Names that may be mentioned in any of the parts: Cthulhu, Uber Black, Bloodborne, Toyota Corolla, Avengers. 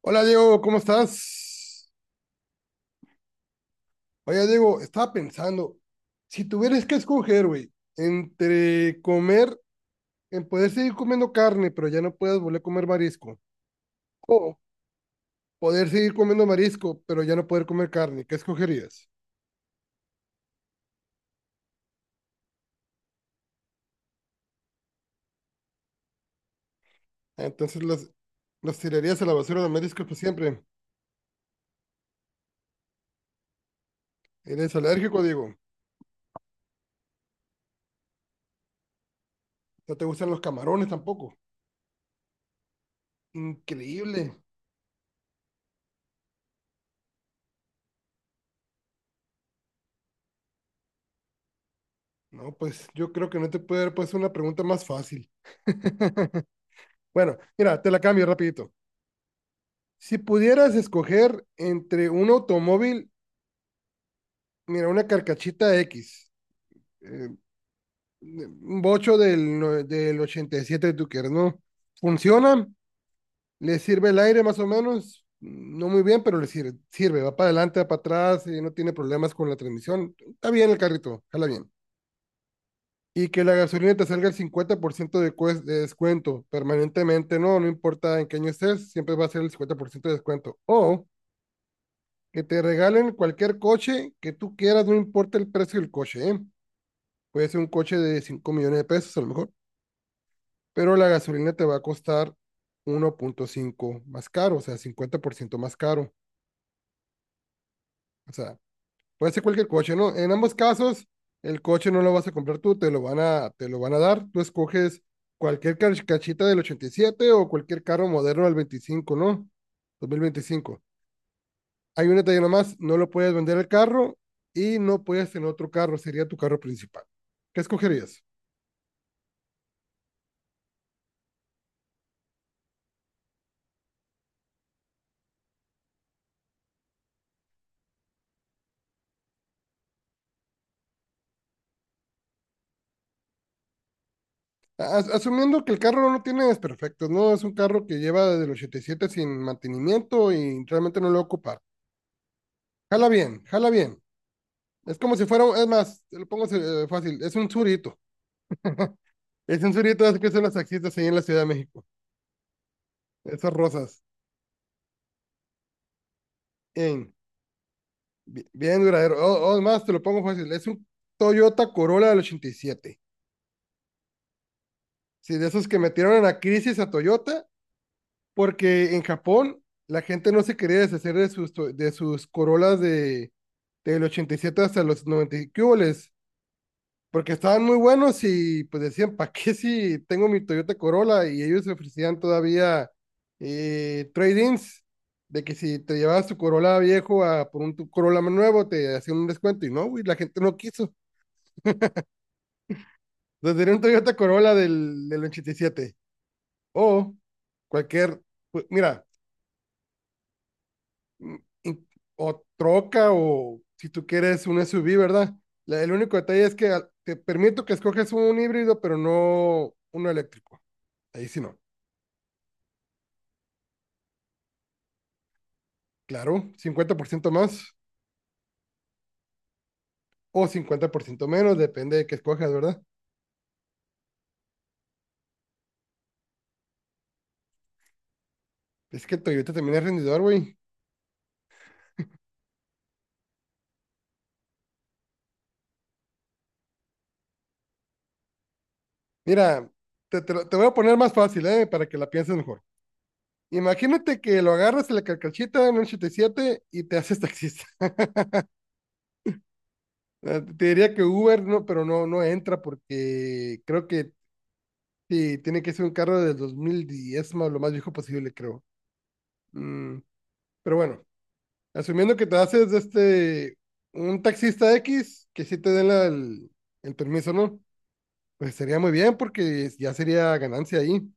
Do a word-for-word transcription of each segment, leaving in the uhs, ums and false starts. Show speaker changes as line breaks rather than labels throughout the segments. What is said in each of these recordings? Hola Diego, ¿cómo estás? Oye Diego, estaba pensando, si tuvieras que escoger, güey, entre comer, en poder seguir comiendo carne, pero ya no puedes volver a comer marisco, o poder seguir comiendo marisco, pero ya no poder comer carne, ¿qué escogerías? Entonces los, los tirarías a la basura de mariscos por siempre. Eres alérgico, Diego. No te gustan los camarones tampoco. Increíble. No, pues yo creo que no te puede haber puesto una pregunta más fácil. Bueno, mira, te la cambio rapidito. Si pudieras escoger entre un automóvil, mira, una carcachita X, eh, un bocho del, no- del ochenta y siete, tú quieres, ¿no? Funciona, le sirve el aire más o menos, no muy bien, pero le sirve, sirve, va para adelante, va para atrás, y no tiene problemas con la transmisión, está bien el carrito, jala bien. Y que la gasolina te salga el cincuenta por ciento de, cues- de descuento permanentemente, no, no importa en qué año estés, siempre va a ser el cincuenta por ciento de descuento. O que te regalen cualquier coche que tú quieras, no importa el precio del coche, ¿eh? Puede ser un coche de cinco millones de pesos a lo mejor, pero la gasolina te va a costar uno punto cinco más caro, o sea, cincuenta por ciento más caro. O sea, puede ser cualquier coche, ¿no? En ambos casos, el coche no lo vas a comprar tú, te lo van a, te lo van a dar. Tú escoges cualquier cachita del ochenta y siete o cualquier carro moderno del veinticinco, ¿no? Dos mil veinticinco. Hay un detalle nomás, no lo puedes vender el carro y no puedes tener otro carro, sería tu carro principal. ¿Qué escogerías? As- asumiendo que el carro no lo tiene desperfectos, ¿no? Es un carro que lleva desde el ochenta y siete sin mantenimiento y realmente no lo va a ocupar. Jala bien, jala bien. Es como si fuera, un- es más, te lo pongo eh, fácil, es un surito. Es un surito, así que son las taxistas ahí en la Ciudad de México. Esas rosas. Bien, bi- bien duradero. O, o más, te lo pongo fácil, es un Toyota Corolla del ochenta y siete. Sí, de esos que metieron en la crisis a Toyota porque en Japón la gente no se quería deshacer de sus, to- de sus Corolas de, del ochenta y siete hasta los noventa y qué huboles, porque estaban muy buenos y pues decían, ¿para qué si tengo mi Toyota Corolla? Y ellos ofrecían todavía eh, trade-ins, de que si te llevabas tu Corolla viejo a por un tu Corolla más nuevo, te hacían un descuento, y no, güey, la gente no quiso. Entonces era un Toyota Corolla del, del ochenta y siete o cualquier, pues, mira, mm, in- o troca o si tú quieres un S U V, ¿verdad? La- el único detalle es que al- te permito que escoges un híbrido, pero no uno eléctrico. Ahí sí no. Claro, cincuenta por ciento más o cincuenta por ciento menos, depende de qué escojas, ¿verdad? Es que Toyota también es rendidor, güey. Mira, te, te lo- te voy a poner más fácil, ¿eh? Para que la pienses mejor. Imagínate que lo agarras en la carcachita en un ochenta y siete y siete y te haces taxista. Eh, Te diría que Uber no, pero no, no entra porque creo que. Sí, tiene que ser un carro del dos mil diez, más lo más viejo posible, creo. Mm, pero bueno, asumiendo que te haces de este un taxista X, que sí te den la- el, el permiso, ¿no? Pues sería muy bien porque es- ya sería ganancia ahí.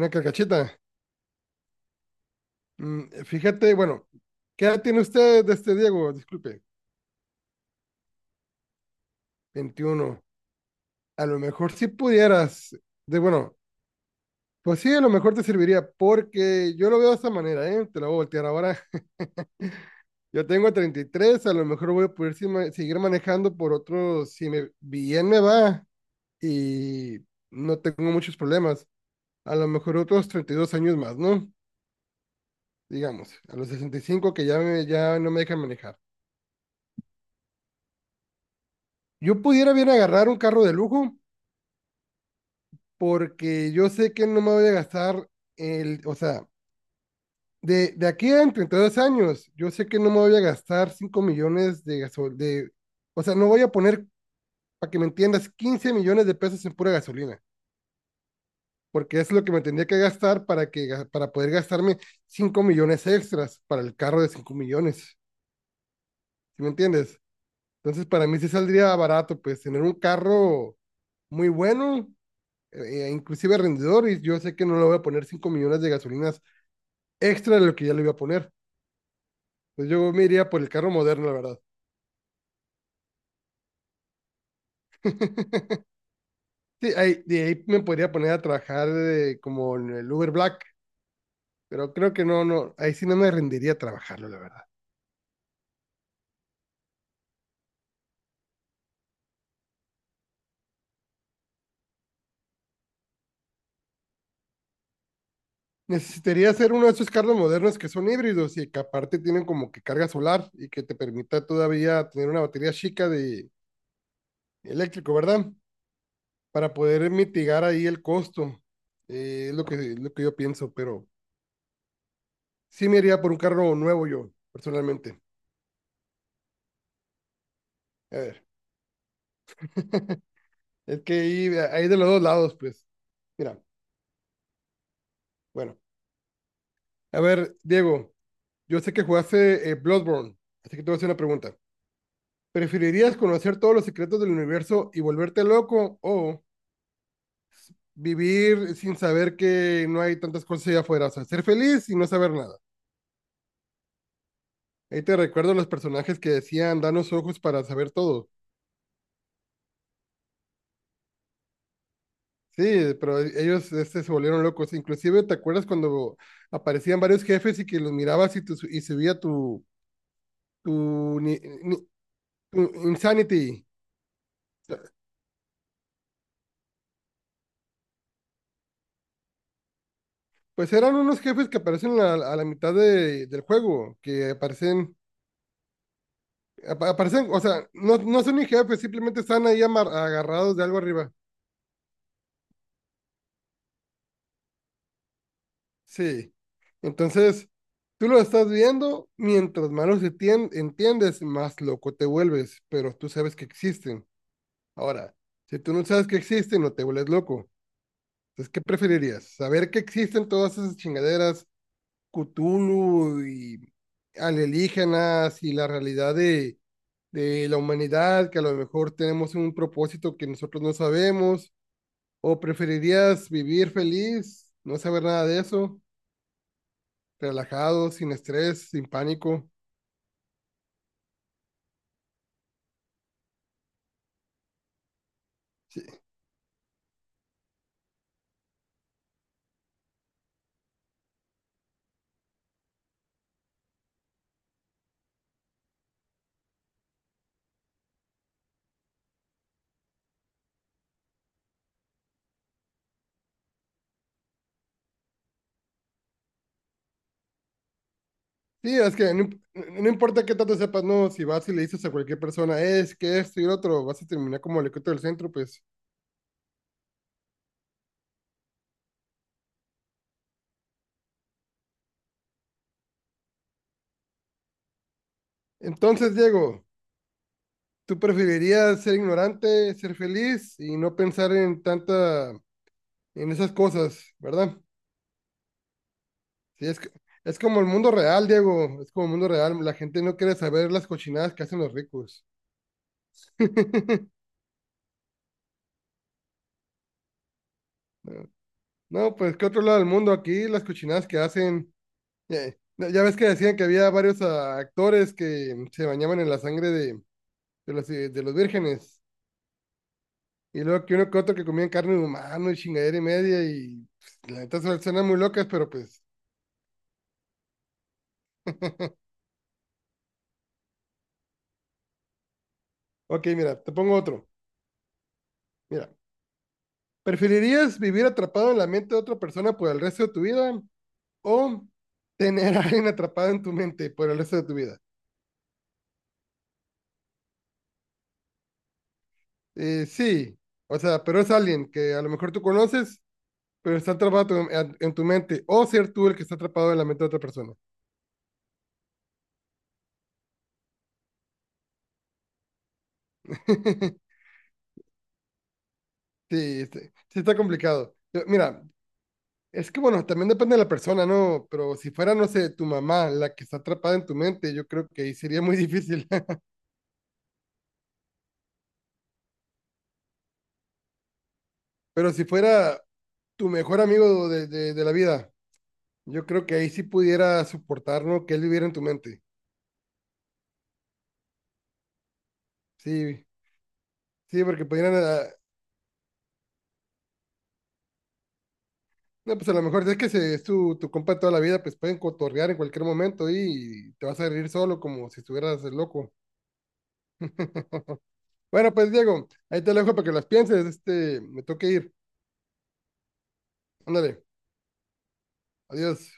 Una carcachita. Mm, fíjate, bueno, ¿qué edad tiene usted, de este Diego? Disculpe, veintiuno. A lo mejor si pudieras, de bueno, pues sí, a lo mejor te serviría porque yo lo veo de esta manera, ¿eh? Te lo voy a voltear ahora. Yo tengo treinta y tres, a lo mejor voy a poder si- ma- seguir manejando por otros, si me, bien me va y no tengo muchos problemas, a lo mejor otros treinta y dos años más, ¿no? Digamos, a los sesenta y cinco que ya, me- ya no me dejan manejar. Yo pudiera bien agarrar un carro de lujo porque yo sé que no me voy a gastar el, o sea, de, de aquí a en treinta y dos años, yo sé que no me voy a gastar cinco millones de gasol, de, o sea, no voy a poner, para que me entiendas, quince millones de pesos en pura gasolina. Porque es lo que me tendría que gastar para, que, ga- para poder gastarme cinco millones extras para el carro de cinco millones, ¿sí me entiendes? Entonces, para mí sí saldría barato, pues, tener un carro muy bueno, eh, e inclusive rendidor, y yo sé que no le voy a poner cinco millones de gasolinas extra de lo que ya le iba a poner. Pues yo me iría por el carro moderno, la verdad. Sí, ahí, de ahí me podría poner a trabajar eh, como en el Uber Black, pero creo que no, no, ahí sí no me rendiría trabajarlo, la verdad. Necesitaría ser uno de esos carros modernos que son híbridos y que aparte tienen como que carga solar y que te permita todavía tener una batería chica de eléctrico, ¿verdad? Para poder mitigar ahí el costo. Eh, es lo que, es lo que yo pienso, pero sí me iría por un carro nuevo yo, personalmente. A ver, es que ahí, ahí de los dos lados, pues. Mira, bueno. A ver, Diego, yo sé que jugaste eh, Bloodborne, así que te voy a hacer una pregunta. ¿Preferirías conocer todos los secretos del universo y volverte loco o vivir sin saber que no hay tantas cosas allá afuera, o sea, ser feliz y no saber nada? Ahí te recuerdo los personajes que decían, danos ojos para saber todo. Sí, pero e-, ellos este, se volvieron locos. Inclusive, ¿te acuerdas cuando aparecían varios jefes y que los mirabas y, tu, y subía tu, tu, ni- ni- tu insanity? Pues eran unos jefes que aparecen a, a la mitad de- del juego, que aparecen, apa- aparecen, o sea, no, no son ni jefes, simplemente están ahí amar- agarrados de algo arriba. Sí. Entonces, tú lo estás viendo, mientras más los entien- entiendes, más loco te vuelves, pero tú sabes que existen. Ahora, si tú no sabes que existen, no te vuelves loco. Entonces, ¿qué preferirías? ¿Saber que existen todas esas chingaderas, Cthulhu y alienígenas y la realidad de, de la humanidad, que a lo mejor tenemos un propósito que nosotros no sabemos? ¿O preferirías vivir feliz, no saber nada de eso? Relajado, sin estrés, sin pánico. Sí, sí es que no, no, importa qué tanto sepas, no, si vas y le dices a cualquier persona, es que esto y lo otro, vas a terminar como el ecote del centro, pues. Entonces, Diego, ¿tú preferirías ser ignorante, ser feliz y no pensar en tanta, en esas cosas, verdad? Sí, es que... Es como el mundo real, Diego. Es como el mundo real. La gente no quiere saber las cochinadas que hacen los ricos. No, pues que otro lado del mundo aquí, las cochinadas que hacen. Ya, ya- ya ves que decían que había varios ah, actores que mm, se bañaban en la sangre de, de los, eh, de los vírgenes. Y luego que uno que otro que comían carne humana y chingadera y media. Y pues, la neta su- suenan muy locas, pero pues. Ok, mira, te pongo otro. Mira, ¿preferirías vivir atrapado en la mente de otra persona por el resto de tu vida o tener a alguien atrapado en tu mente por el resto de tu vida? Eh, sí, o sea, pero es alguien que a lo mejor tú conoces, pero está atrapado tu- en en tu mente, o ser tú el que está atrapado en la mente de otra persona. Sí, sí, sí está complicado. Yo- Mira, es que bueno, también depende de la persona, ¿no? Pero si fuera, no sé, tu mamá la que está atrapada en tu mente, yo creo que ahí sería muy difícil. Pero si fuera tu mejor amigo de, de, de la vida, yo creo que ahí sí pudiera soportar, ¿no? Que él viviera en tu mente. Sí, sí, porque pudieran, ah, no, pues a lo mejor si es que se- es tu, tu compa toda la vida, pues pueden cotorrear en cualquier momento y te vas a reír solo como si estuvieras eh, loco. Bueno, pues Diego, ahí te lo dejo para que las pienses. Este, me toca ir. Ándale, adiós.